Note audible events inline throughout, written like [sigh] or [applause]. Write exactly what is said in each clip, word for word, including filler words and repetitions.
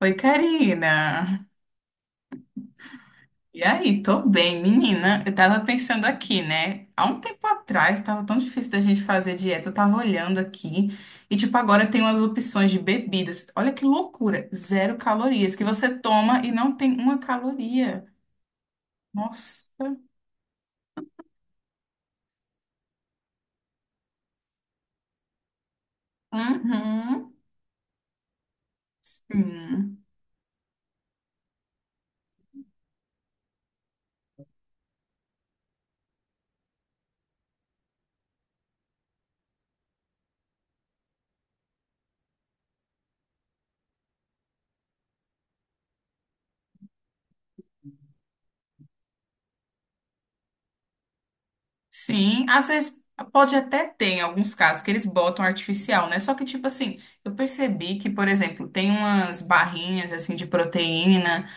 Oi, Karina. E aí, tô bem, menina. Eu tava pensando aqui, né? Há um tempo atrás tava tão difícil da gente fazer dieta. Eu tava olhando aqui e, tipo, agora tem umas opções de bebidas. Olha que loucura! Zero calorias que você toma e não tem uma caloria. Nossa. Uhum. Sim. Sim. Às vezes pode até ter em alguns casos que eles botam artificial, né? Só que, tipo assim, eu percebi que, por exemplo, tem umas barrinhas assim de proteína.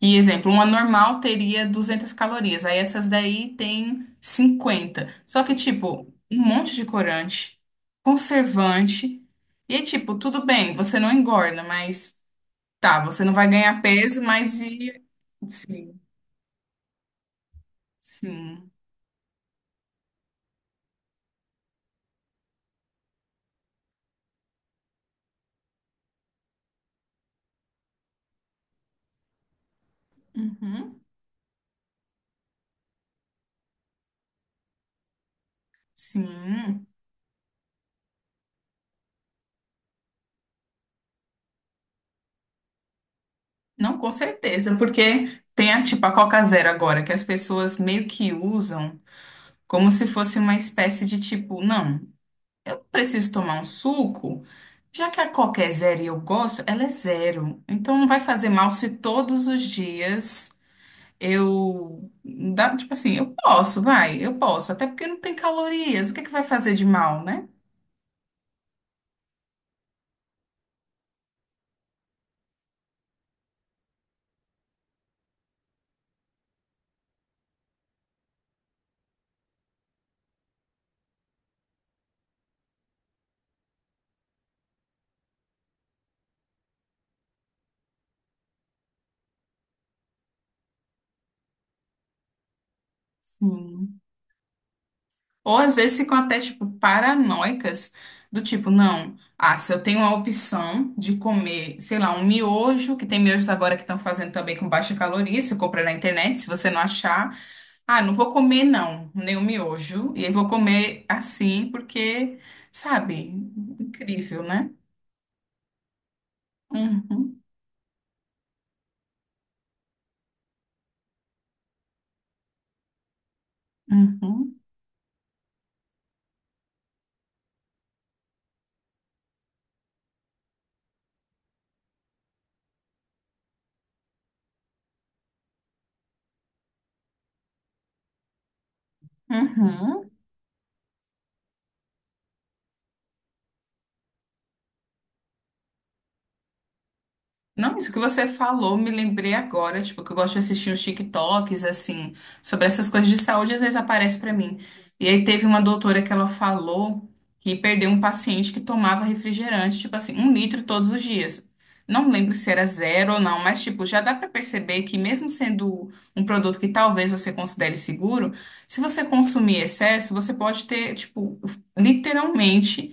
E exemplo, uma normal teria duzentas calorias, aí essas daí tem cinquenta. Só que, tipo, um monte de corante, conservante. E aí, tipo, tudo bem, você não engorda, mas tá, você não vai ganhar peso, mas e. Sim, sim. Uhum, sim. Não, com certeza, porque tem a, tipo, a Coca Zero agora, que as pessoas meio que usam como se fosse uma espécie de tipo, não. Eu preciso tomar um suco, já que a Coca é zero e eu gosto, ela é zero. Então não vai fazer mal se todos os dias eu. Dá- tipo assim, eu posso, vai, eu posso. Até porque não tem calorias. O que é que vai fazer de mal, né? Sim. Ou às vezes ficam até, tipo, paranoicas, do tipo, não, ah, se eu tenho a opção de comer, sei lá, um miojo, que tem miojos agora que estão fazendo também com baixa caloria, se compra na internet, se você não achar. Ah, não vou comer, não, nem o miojo. E aí vou comer assim, porque, sabe, incrível, né? Uhum, uhum, uhum. Não, isso que você falou, me lembrei agora, tipo, que eu gosto de assistir uns TikToks, assim, sobre essas coisas de saúde, às vezes aparece pra mim. E aí teve uma doutora que ela falou que perdeu um paciente que tomava refrigerante, tipo assim, um litro todos os dias. Não lembro se era zero ou não, mas, tipo, já dá pra perceber que mesmo sendo um produto que talvez você considere seguro, se você consumir excesso, você pode ter, tipo, literalmente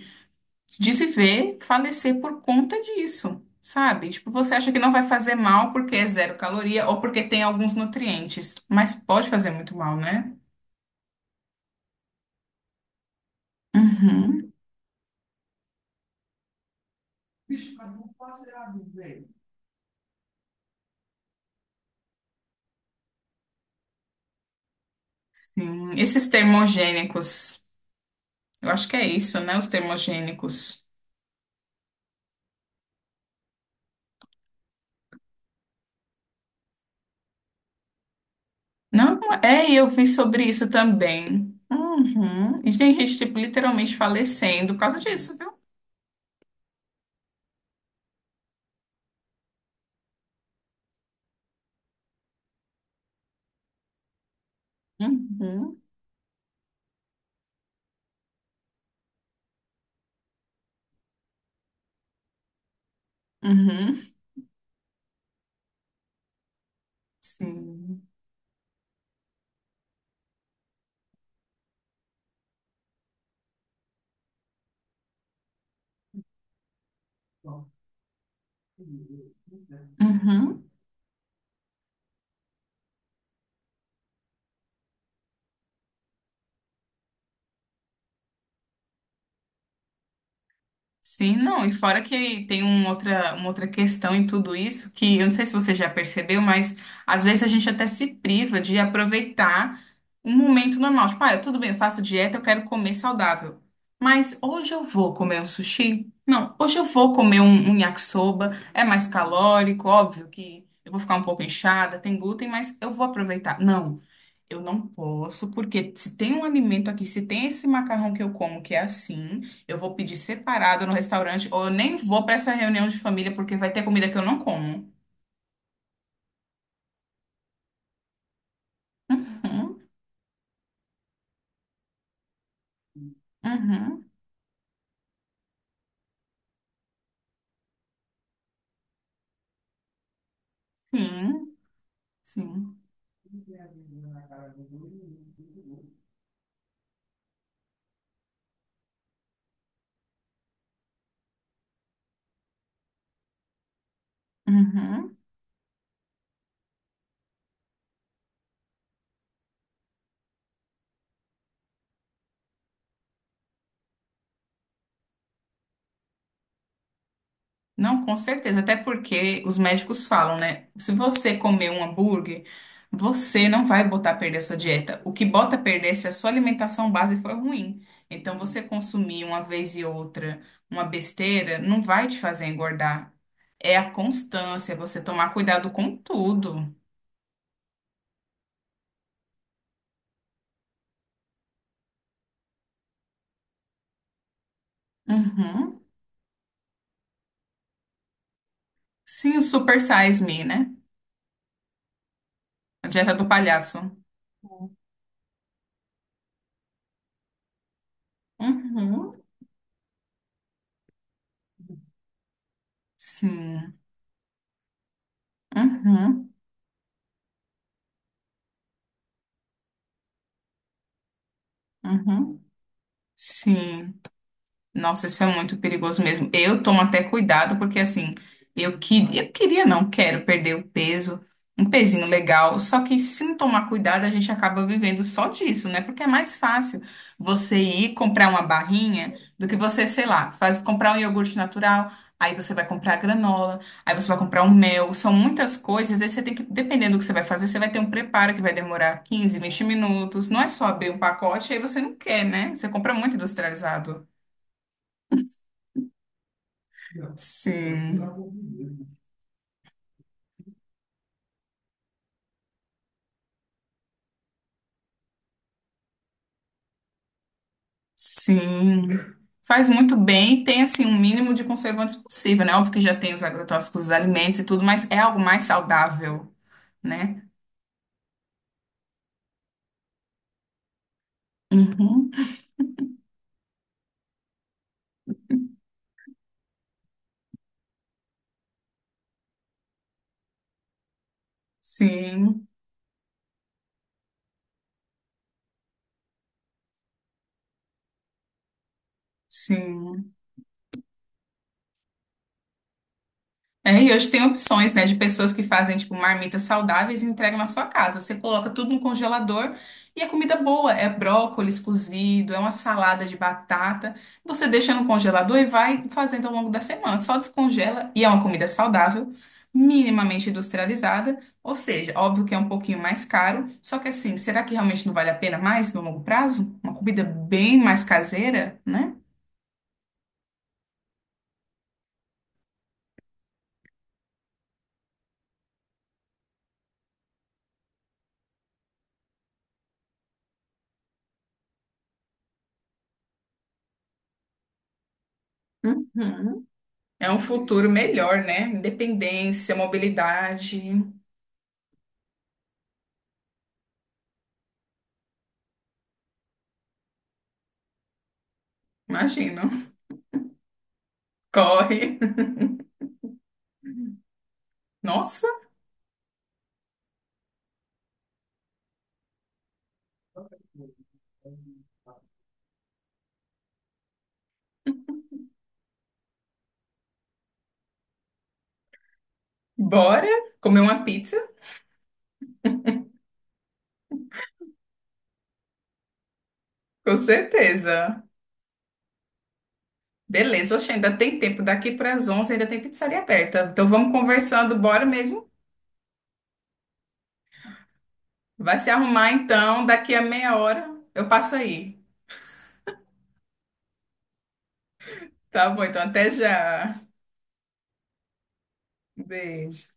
de se ver falecer por conta disso, sabe? Tipo, você acha que não vai fazer mal porque é zero caloria ou porque tem alguns nutrientes, mas pode fazer muito mal, né? Uhum. Sim. Esses termogênicos, eu acho que é isso, né? Os termogênicos. Não, é, eu vi sobre isso também. Uhum. E tem gente, tipo, literalmente falecendo por causa disso, viu? Uhum. Uhum. Sim. Uhum. Sim, não, e fora que tem um outra, uma outra questão em tudo isso, que eu não sei se você já percebeu, mas às vezes a gente até se priva de aproveitar um momento normal. Tipo, ah, eu- tudo bem, eu faço dieta, eu quero comer saudável. Mas hoje eu vou comer um sushi? Não, hoje eu vou comer um, um yakisoba, é mais calórico, óbvio que eu vou ficar um pouco inchada, tem glúten, mas eu vou aproveitar. Não. Eu não posso, porque se tem um alimento aqui, se tem esse macarrão que eu como que é assim, eu vou pedir separado no restaurante, ou eu nem vou para essa reunião de família, porque vai ter comida que eu não como. Uhum, uhum, sim, sim. Uhum. Não, com certeza, até porque os médicos falam, né? Se você comer um hambúrguer, você não vai botar a perder a sua dieta. O que bota a perder é se a sua alimentação base for ruim. Então, você consumir uma vez e outra uma besteira não vai te fazer engordar. É a constância, é você tomar cuidado com tudo. Uhum. Sim, o Super Size Me, né? A dieta do palhaço. Uhum. Sim. Uhum. Uhum. Sim. Nossa, isso é muito perigoso mesmo. Eu tomo até cuidado, porque assim, eu, que, eu queria, não quero perder o peso, um pezinho legal. Só que se não tomar cuidado, a gente acaba vivendo só disso, né? Porque é mais fácil você ir comprar uma barrinha do que você, sei lá, faz, comprar um iogurte natural, aí você vai comprar granola, aí você vai comprar um mel. São muitas coisas, aí você tem que, dependendo do que você vai fazer, você vai ter um preparo que vai demorar quinze vinte minutos. Não é só abrir um pacote, aí você não quer, né? Você compra muito industrializado. Sim, sim. Faz muito bem e tem assim um mínimo de conservantes possível, né? Óbvio que já tem os agrotóxicos dos alimentos e tudo, mas é algo mais saudável, né? Uhum. Sim, sim. É, e hoje tem opções, né, de pessoas que fazem, tipo, marmitas saudáveis e entregam na sua casa. Você coloca tudo no congelador e a comida boa. É brócolis cozido, é uma salada de batata. Você deixa no congelador e vai fazendo ao longo da semana. Só descongela e é uma comida saudável, minimamente industrializada. Ou seja, óbvio que é um pouquinho mais caro. Só que assim, será que realmente não vale a pena mais no longo prazo? Uma comida bem mais caseira, né? Uhum. É um futuro melhor, né? Independência, mobilidade. Imagino. [laughs] Corre. Nossa, bora comer uma pizza? Com certeza. Beleza, oxe, ainda tem tempo. Daqui para as onze ainda tem pizzaria aberta. Então vamos conversando, bora mesmo. Vai se arrumar então. Daqui a meia hora eu passo aí. Tá bom, então até já. Beijo.